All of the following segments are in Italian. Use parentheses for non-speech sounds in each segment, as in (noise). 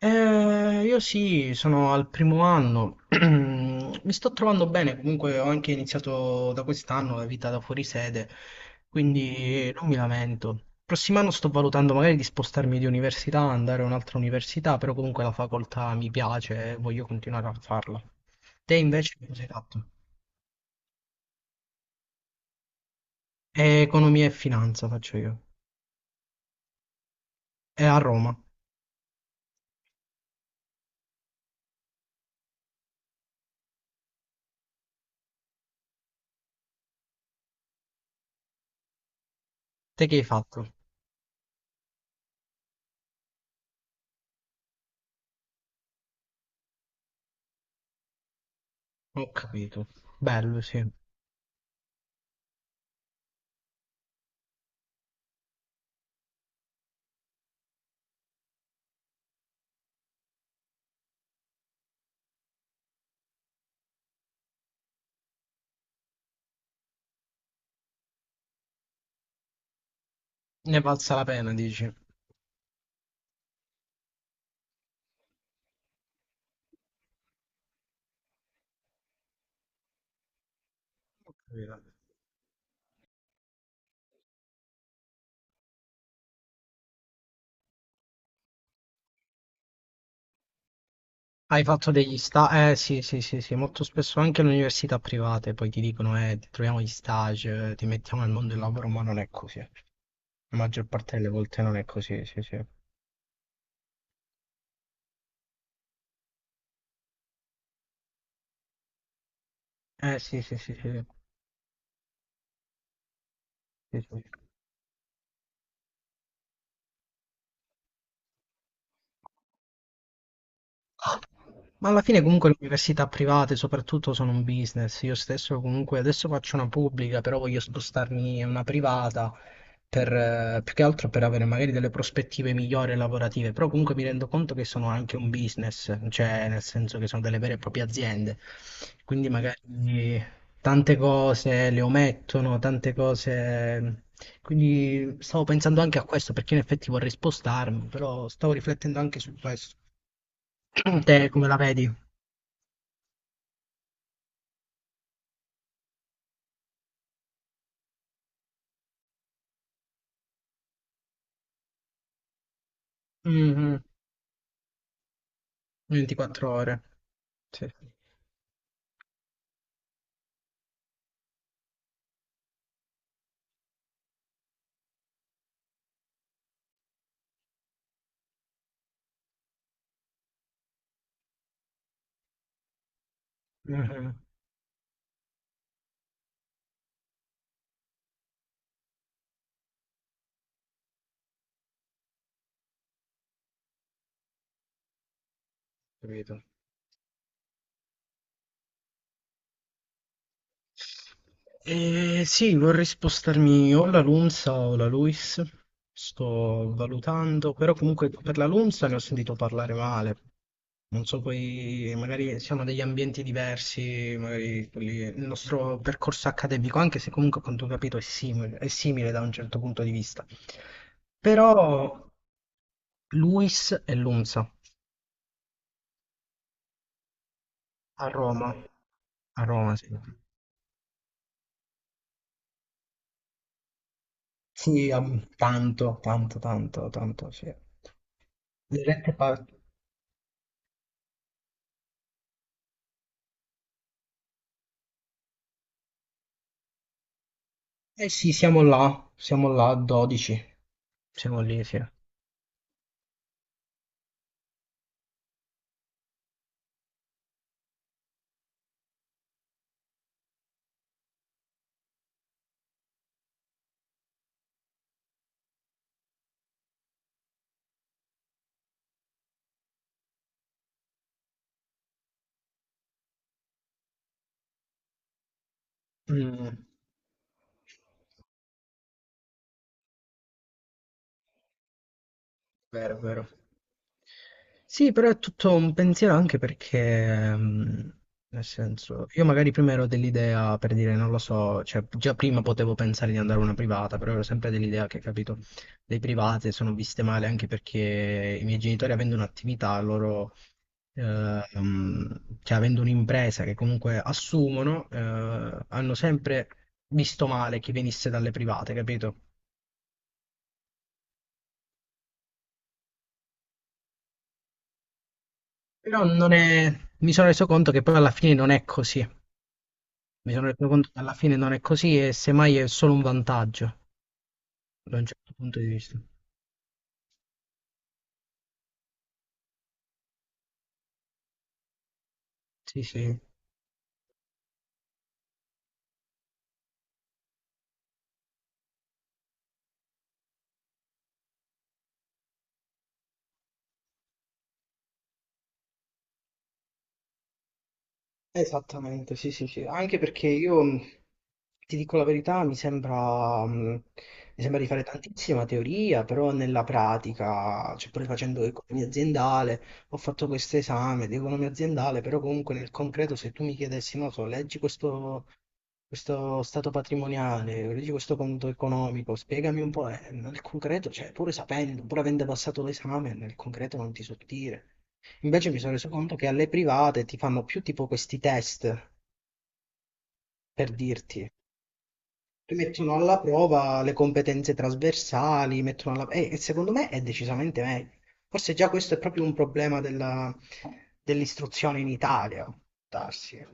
Io sì, sono al primo anno, (clears throat) mi sto trovando bene, comunque ho anche iniziato da quest'anno la vita da fuori sede, quindi non mi lamento. Prossimo anno sto valutando magari di spostarmi di università, andare a un'altra università, però comunque la facoltà mi piace e voglio continuare a farla. Te invece che cosa hai fatto? Economia e finanza faccio io. È a Roma. Te che hai fatto? Ho capito. Bello, sì. Ne è valsa la pena, dici. Ho capito. Hai fatto degli stage? Eh sì, sì, sì, sì, molto spesso anche alle università private poi ti dicono ti troviamo gli stage, ti mettiamo nel mondo del lavoro, ma non è così. Eh. La maggior parte delle volte non è così, sì, sì. Eh sì, sì, sì, sì, sì, sì. Ah. Ma alla fine comunque le università private soprattutto sono un business. Io stesso comunque adesso faccio una pubblica, però voglio spostarmi in una privata per, più che altro per avere magari delle prospettive migliori lavorative. Però comunque mi rendo conto che sono anche un business, cioè nel senso che sono delle vere e proprie aziende. Quindi magari tante cose le omettono, tante cose. Quindi stavo pensando anche a questo perché in effetti vorrei spostarmi, però stavo riflettendo anche su questo. (clears throat) Te come la vedi? Mh-mh. 24 ore. Sì. Mh-mh. Capito. Sì, vorrei spostarmi o la LUMSA o la LUISS. Sto valutando, però comunque per la LUMSA ne ho sentito parlare male. Non so poi, magari siamo degli ambienti diversi, magari il nostro percorso accademico, anche se comunque a quanto ho capito è simile da un certo punto di vista. Però LUISS e LUMSA. A Roma. A Roma, sì. Sì, tanto, tanto, tanto, tanto, sì. Le rette. Eh sì, siamo là a 12. Siamo lì, sì. Mm. Vero, vero. Sì, però è tutto un pensiero anche perché, nel senso, io magari prima ero dell'idea, per dire, non lo so, cioè già prima potevo pensare di andare a una privata, però ero sempre dell'idea che, capito, le private sono viste male anche perché i miei genitori avendo un'attività, loro, cioè avendo un'impresa che comunque assumono, hanno sempre visto male chi venisse dalle private, capito? Però non è. Mi sono reso conto che poi alla fine non è così. Mi sono reso conto che alla fine non è così e semmai è solo un vantaggio da un certo punto di vista. Sì, sì. Esattamente, sì, sì, sì, anche perché io ti dico la verità, mi sembra di fare tantissima teoria, però nella pratica, cioè pure facendo economia aziendale, ho fatto questo esame di economia aziendale, però comunque nel concreto se tu mi chiedessi, non so, leggi questo, questo stato patrimoniale, leggi questo conto economico, spiegami un po', nel concreto, cioè pure sapendo, pur avendo passato l'esame, nel concreto non ti so dire. Invece mi sono reso conto che alle private ti fanno più tipo questi test, per dirti. Ti mettono alla prova le competenze trasversali, mettono alla. E secondo me è decisamente meglio. Forse già questo è proprio un problema dell'istruzione in Italia, può darsi. È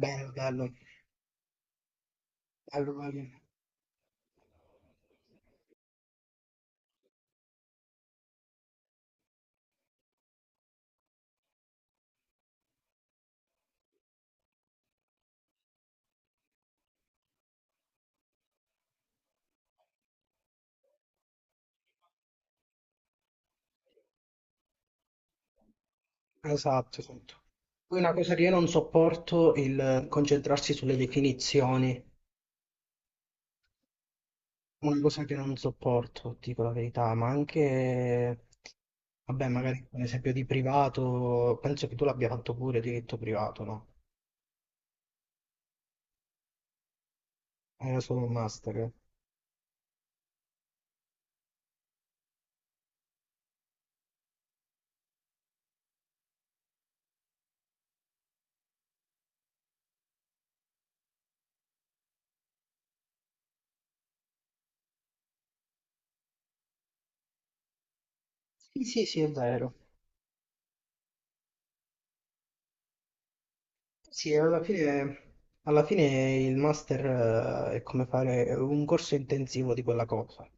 bello, bello. Allora, esatto, esatto. Poi una cosa che io non sopporto è il concentrarsi sulle definizioni. Una cosa che non sopporto, dico la verità, ma anche, vabbè, magari un esempio di privato, penso che tu l'abbia fatto pure diritto privato, no? Era solo un master. Sì, sì, sì, è vero. Sì, alla fine il master è come fare un corso intensivo di quella cosa.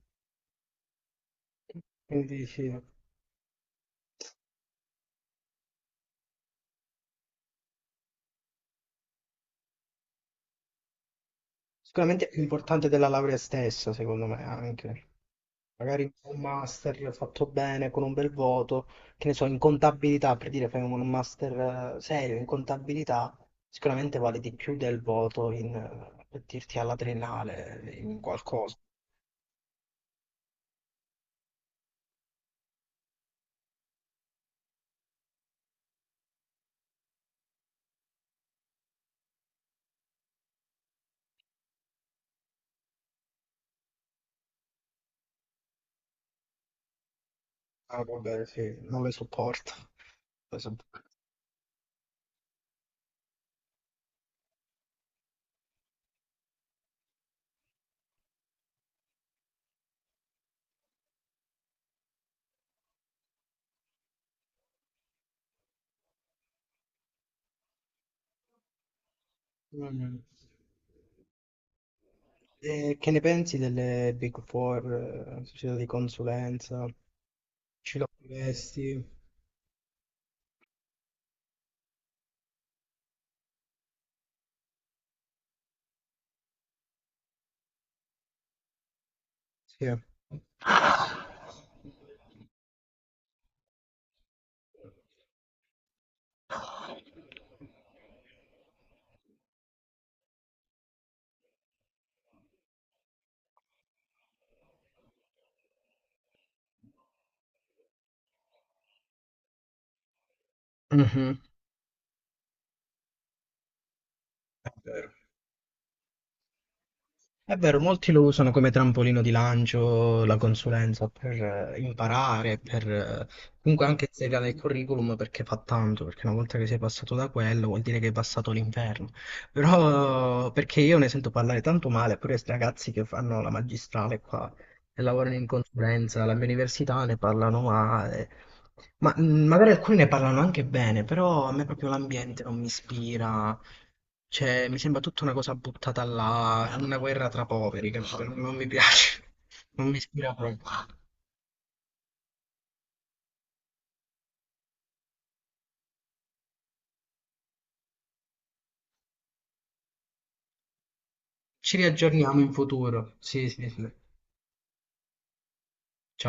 Quindi sì, sicuramente è più importante della laurea stessa, secondo me, anche. Magari un master fatto bene con un bel voto, che ne so, in contabilità, per dire, fai un master serio in contabilità, sicuramente vale di più del voto in, per dirti, alla triennale, in qualcosa. Ah, vabbè, sì, non le sopporto. Le sopporto. Mm. E che ne pensi delle Big Four, società di consulenza? Ci lavoreresti? Sì. Mhm. È vero. È vero, molti lo usano come trampolino di lancio, la consulenza, per imparare, per comunque anche inserire nel curriculum perché fa tanto, perché una volta che sei passato da quello vuol dire che hai passato l'inferno. Però perché io ne sento parlare tanto male, pure questi ragazzi che fanno la magistrale qua e lavorano in consulenza, alla mia università ne parlano male, ma magari alcuni ne parlano anche bene, però a me proprio l'ambiente non mi ispira, cioè mi sembra tutta una cosa buttata là, una guerra tra poveri, capito? Non, non mi piace, (laughs) non mi ispira proprio. Ci riaggiorniamo in futuro, sì sì sì, ciao.